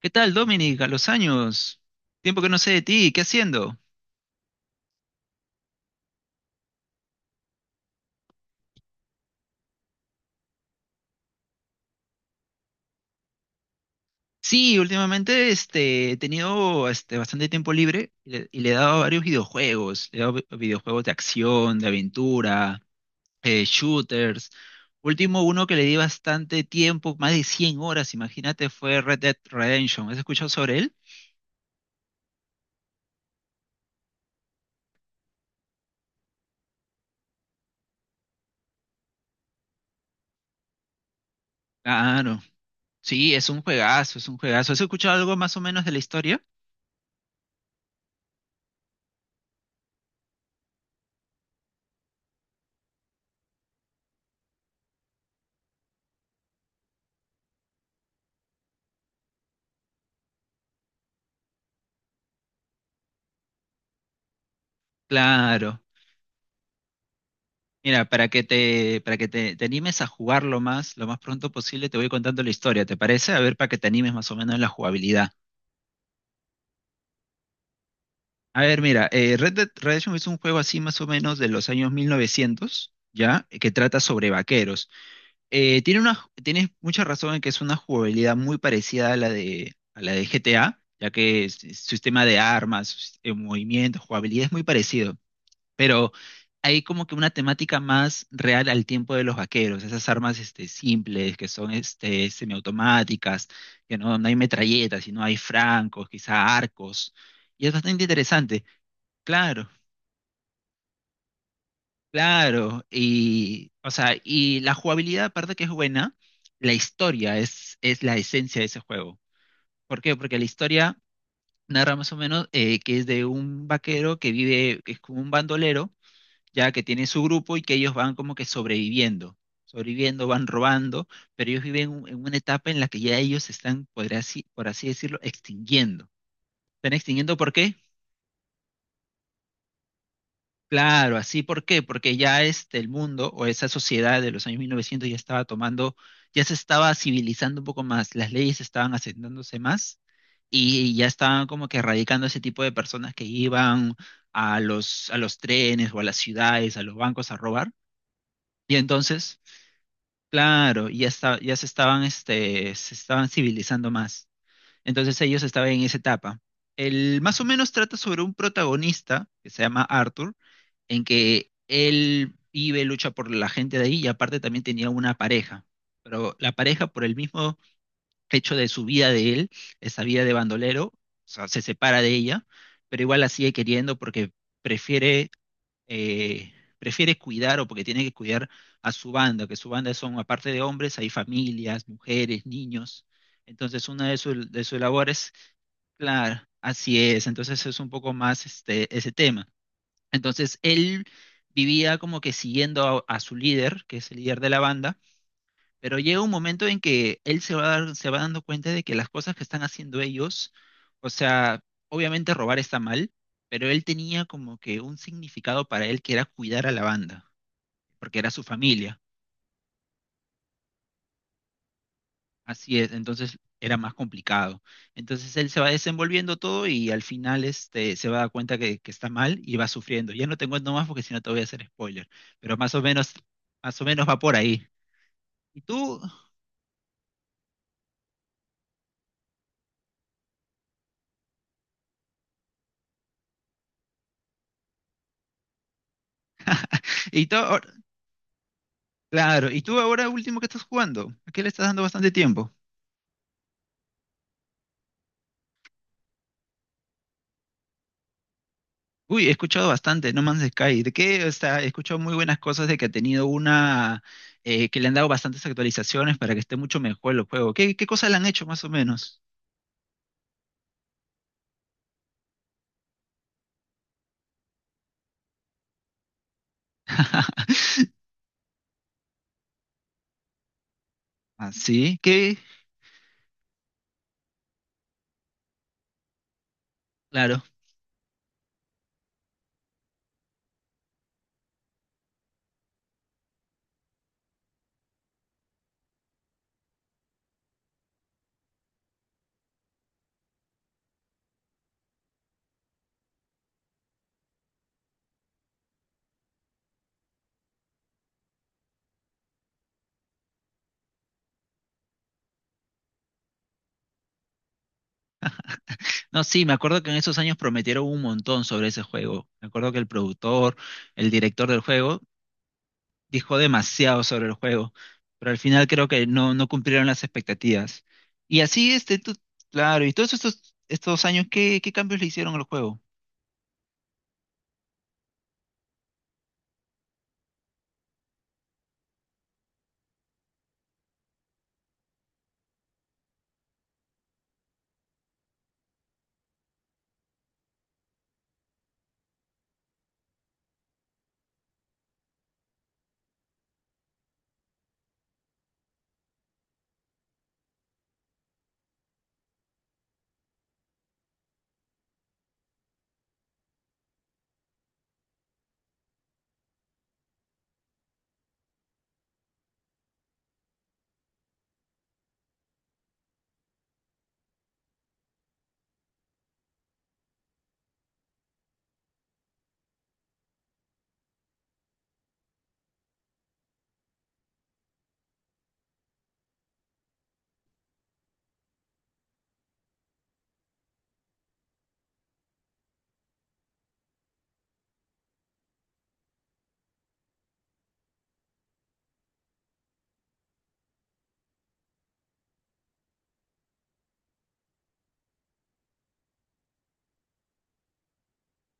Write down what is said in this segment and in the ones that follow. ¿Qué tal, Dominic? A los años. Tiempo que no sé de ti, ¿qué haciendo? Sí, últimamente he tenido bastante tiempo libre y le he dado a varios videojuegos. Le he dado videojuegos de acción, de aventura, shooters. Último uno que le di bastante tiempo, más de 100 horas, imagínate, fue Red Dead Redemption. ¿Has escuchado sobre él? Claro. Sí, es un juegazo, es un juegazo. ¿Has escuchado algo más o menos de la historia? Claro. Mira, para que te animes a jugarlo más, lo más pronto posible, te voy contando la historia, ¿te parece? A ver, para que te animes más o menos en la jugabilidad. A ver, mira, Red Dead Redemption es un juego así más o menos de los años 1900, ¿ya? Que trata sobre vaqueros. Tiene una, tienes mucha razón en que es una jugabilidad muy parecida a la de GTA, ya que es sistema de armas, movimiento, jugabilidad es muy parecido. Pero hay como que una temática más real al tiempo de los vaqueros, esas armas simples que son semiautomáticas, que no, no hay metralletas, sino hay francos, quizá arcos, y es bastante interesante, claro, claro, y, o sea, y la jugabilidad aparte que es buena, la historia es la esencia de ese juego. ¿Por qué? Porque la historia narra más o menos que es de un vaquero que vive, que es como un bandolero, ya que tienen su grupo y que ellos van como que sobreviviendo, sobreviviendo, van robando, pero ellos viven en una etapa en la que ya ellos se están, por así decirlo, extinguiendo. ¿Están extinguiendo por qué? Claro, así por qué, porque ya el mundo o esa sociedad de los años 1900 ya estaba tomando, ya se estaba civilizando un poco más, las leyes estaban asentándose más y ya estaban como que erradicando ese tipo de personas que iban a los trenes o a las ciudades, a los bancos a robar. Y entonces claro, y ya ya se estaban, se estaban civilizando más. Entonces ellos estaban en esa etapa. El más o menos trata sobre un protagonista que se llama Arthur, en que él vive, lucha por la gente de ahí y aparte también tenía una pareja. Pero la pareja, por el mismo hecho de su vida de él, esa vida de bandolero, o sea, se separa de ella, pero igual la sigue queriendo porque prefiere eh, prefiere cuidar o porque tiene que cuidar a su banda, que su banda son, aparte de hombres, hay familias, mujeres, niños. Entonces, una de sus labores, claro, así es. Entonces, es un poco más ese tema. Entonces, él vivía como que siguiendo a su líder, que es el líder de la banda. Pero llega un momento en que él se va, se va dando cuenta de que las cosas que están haciendo ellos, o sea, obviamente robar está mal, pero él tenía como que un significado para él que era cuidar a la banda, porque era su familia. Así es, entonces era más complicado. Entonces él se va desenvolviendo todo y al final se va a dar cuenta que está mal y va sufriendo. Ya no te cuento más porque si no te voy a hacer spoiler, pero más o menos va por ahí. ¿Y tú? ¿Y tú? Claro, y tú ahora último que estás jugando, ¿a qué le estás dando bastante tiempo? Uy, he escuchado bastante No Man's Sky, de qué o sea, he escuchado muy buenas cosas de que ha tenido una, que le han dado bastantes actualizaciones para que esté mucho mejor el juego. ¿Qué, qué cosas le han hecho más o menos? Así que, claro. No, sí, me acuerdo que en esos años prometieron un montón sobre ese juego. Me acuerdo que el productor, el director del juego, dijo demasiado sobre el juego, pero al final creo que no, no cumplieron las expectativas. Y así, claro, y todos estos años, ¿qué, qué cambios le hicieron al juego?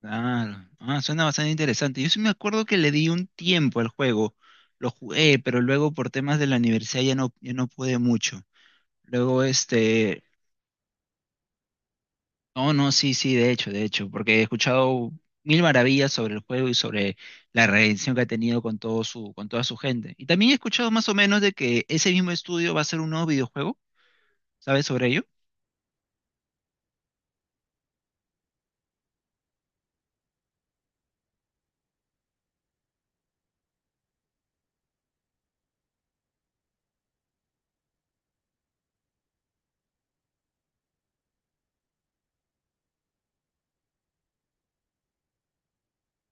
Claro, ah, suena bastante interesante. Yo sí me acuerdo que le di un tiempo al juego, lo jugué, pero luego por temas de la universidad ya no, ya no pude mucho. Luego, no, no, sí, sí, de hecho, porque he escuchado mil maravillas sobre el juego y sobre la redención que ha tenido con todo su, con toda su gente. Y también he escuchado más o menos de que ese mismo estudio va a hacer un nuevo videojuego. ¿Sabes sobre ello?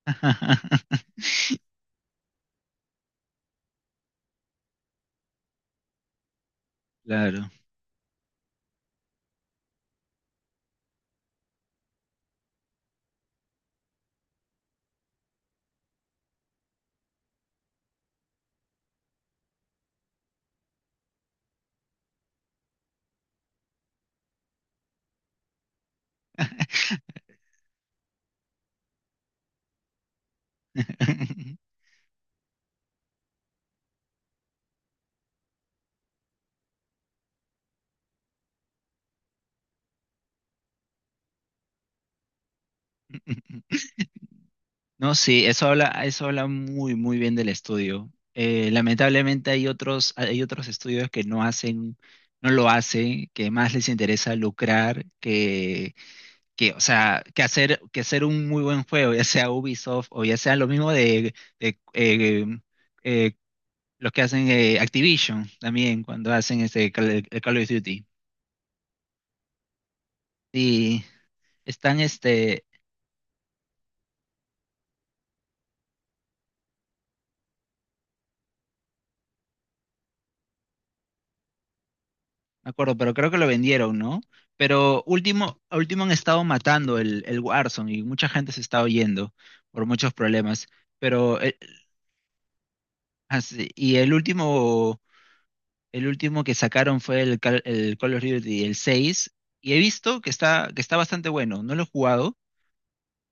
Claro. No, sí, eso habla muy, muy bien del estudio. Lamentablemente hay otros estudios que no hacen, no lo hacen, que más les interesa lucrar que, o sea, que hacer un muy buen juego, ya sea Ubisoft o ya sea lo mismo de, de, eh, eh, los que hacen Activision también cuando hacen este Call of Duty. Y están me acuerdo, pero creo que lo vendieron, ¿no? Pero último, a último han estado matando el Warzone y mucha gente se está oyendo por muchos problemas. Pero, y el último. El último que sacaron fue el Call of Duty, el 6 y he visto que está bastante bueno. No lo he jugado,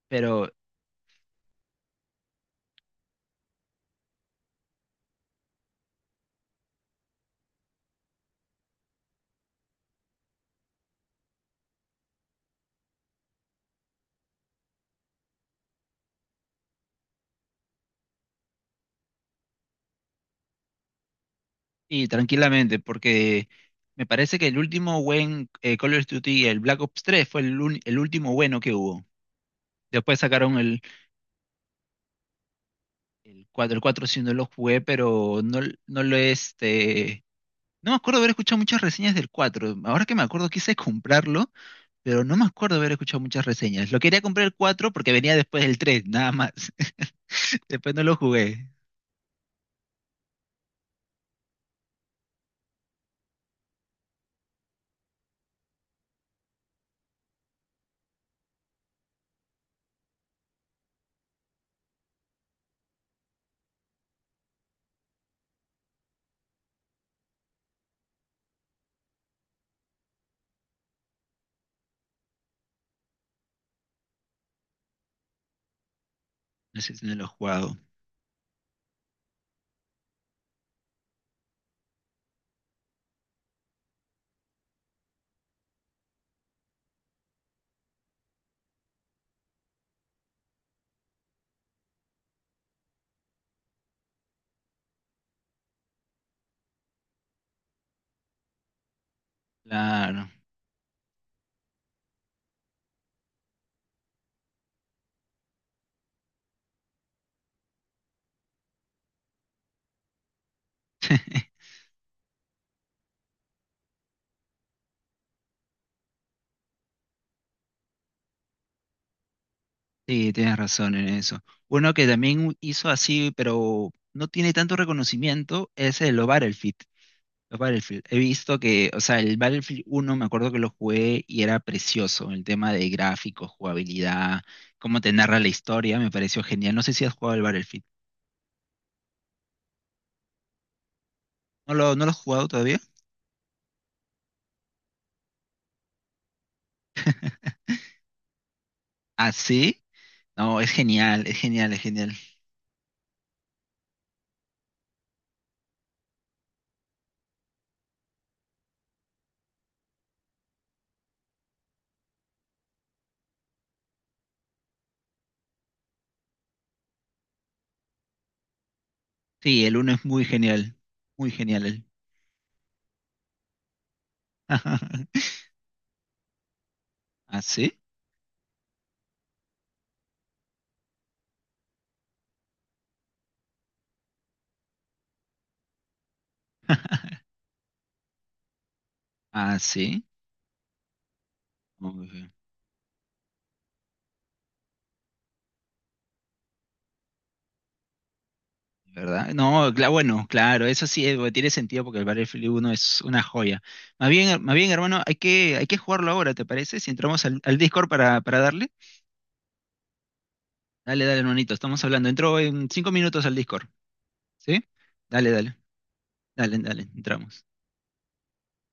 pero y tranquilamente, porque me parece que el último buen Call of Duty, el Black Ops 3 fue el último bueno que hubo. Después sacaron el cuatro. El 4 sí no lo jugué, pero no, no lo No me acuerdo haber escuchado muchas reseñas del cuatro. Ahora que me acuerdo quise comprarlo, pero no me acuerdo haber escuchado muchas reseñas. Lo quería comprar el 4 porque venía después del 3 nada más. Después no lo jugué. No sé si no lo he jugado. Claro. Sí, tienes razón en eso. Uno que también hizo así, pero no tiene tanto reconocimiento, es el Battlefield. Los Battlefield. He visto que, o sea, el Battlefield uno me acuerdo que lo jugué y era precioso. El tema de gráficos, jugabilidad, cómo te narra la historia, me pareció genial. No sé si has jugado el Battlefield. ¿No lo has jugado todavía? ¿Ah, sí? No, es genial, es genial, es genial. Sí, el uno es muy genial. Muy genial él. ¿Ah, sí? Ah, sí. Ujú, ¿verdad? No, bueno, claro, eso sí tiene sentido porque el Battlefield uno es una joya. Más bien, hermano, hay que jugarlo ahora, ¿te parece? Si entramos al, al Discord para darle. Dale, dale, hermanito, estamos hablando. Entro en cinco minutos al Discord, ¿sí? Dale, dale, dale, dale, entramos.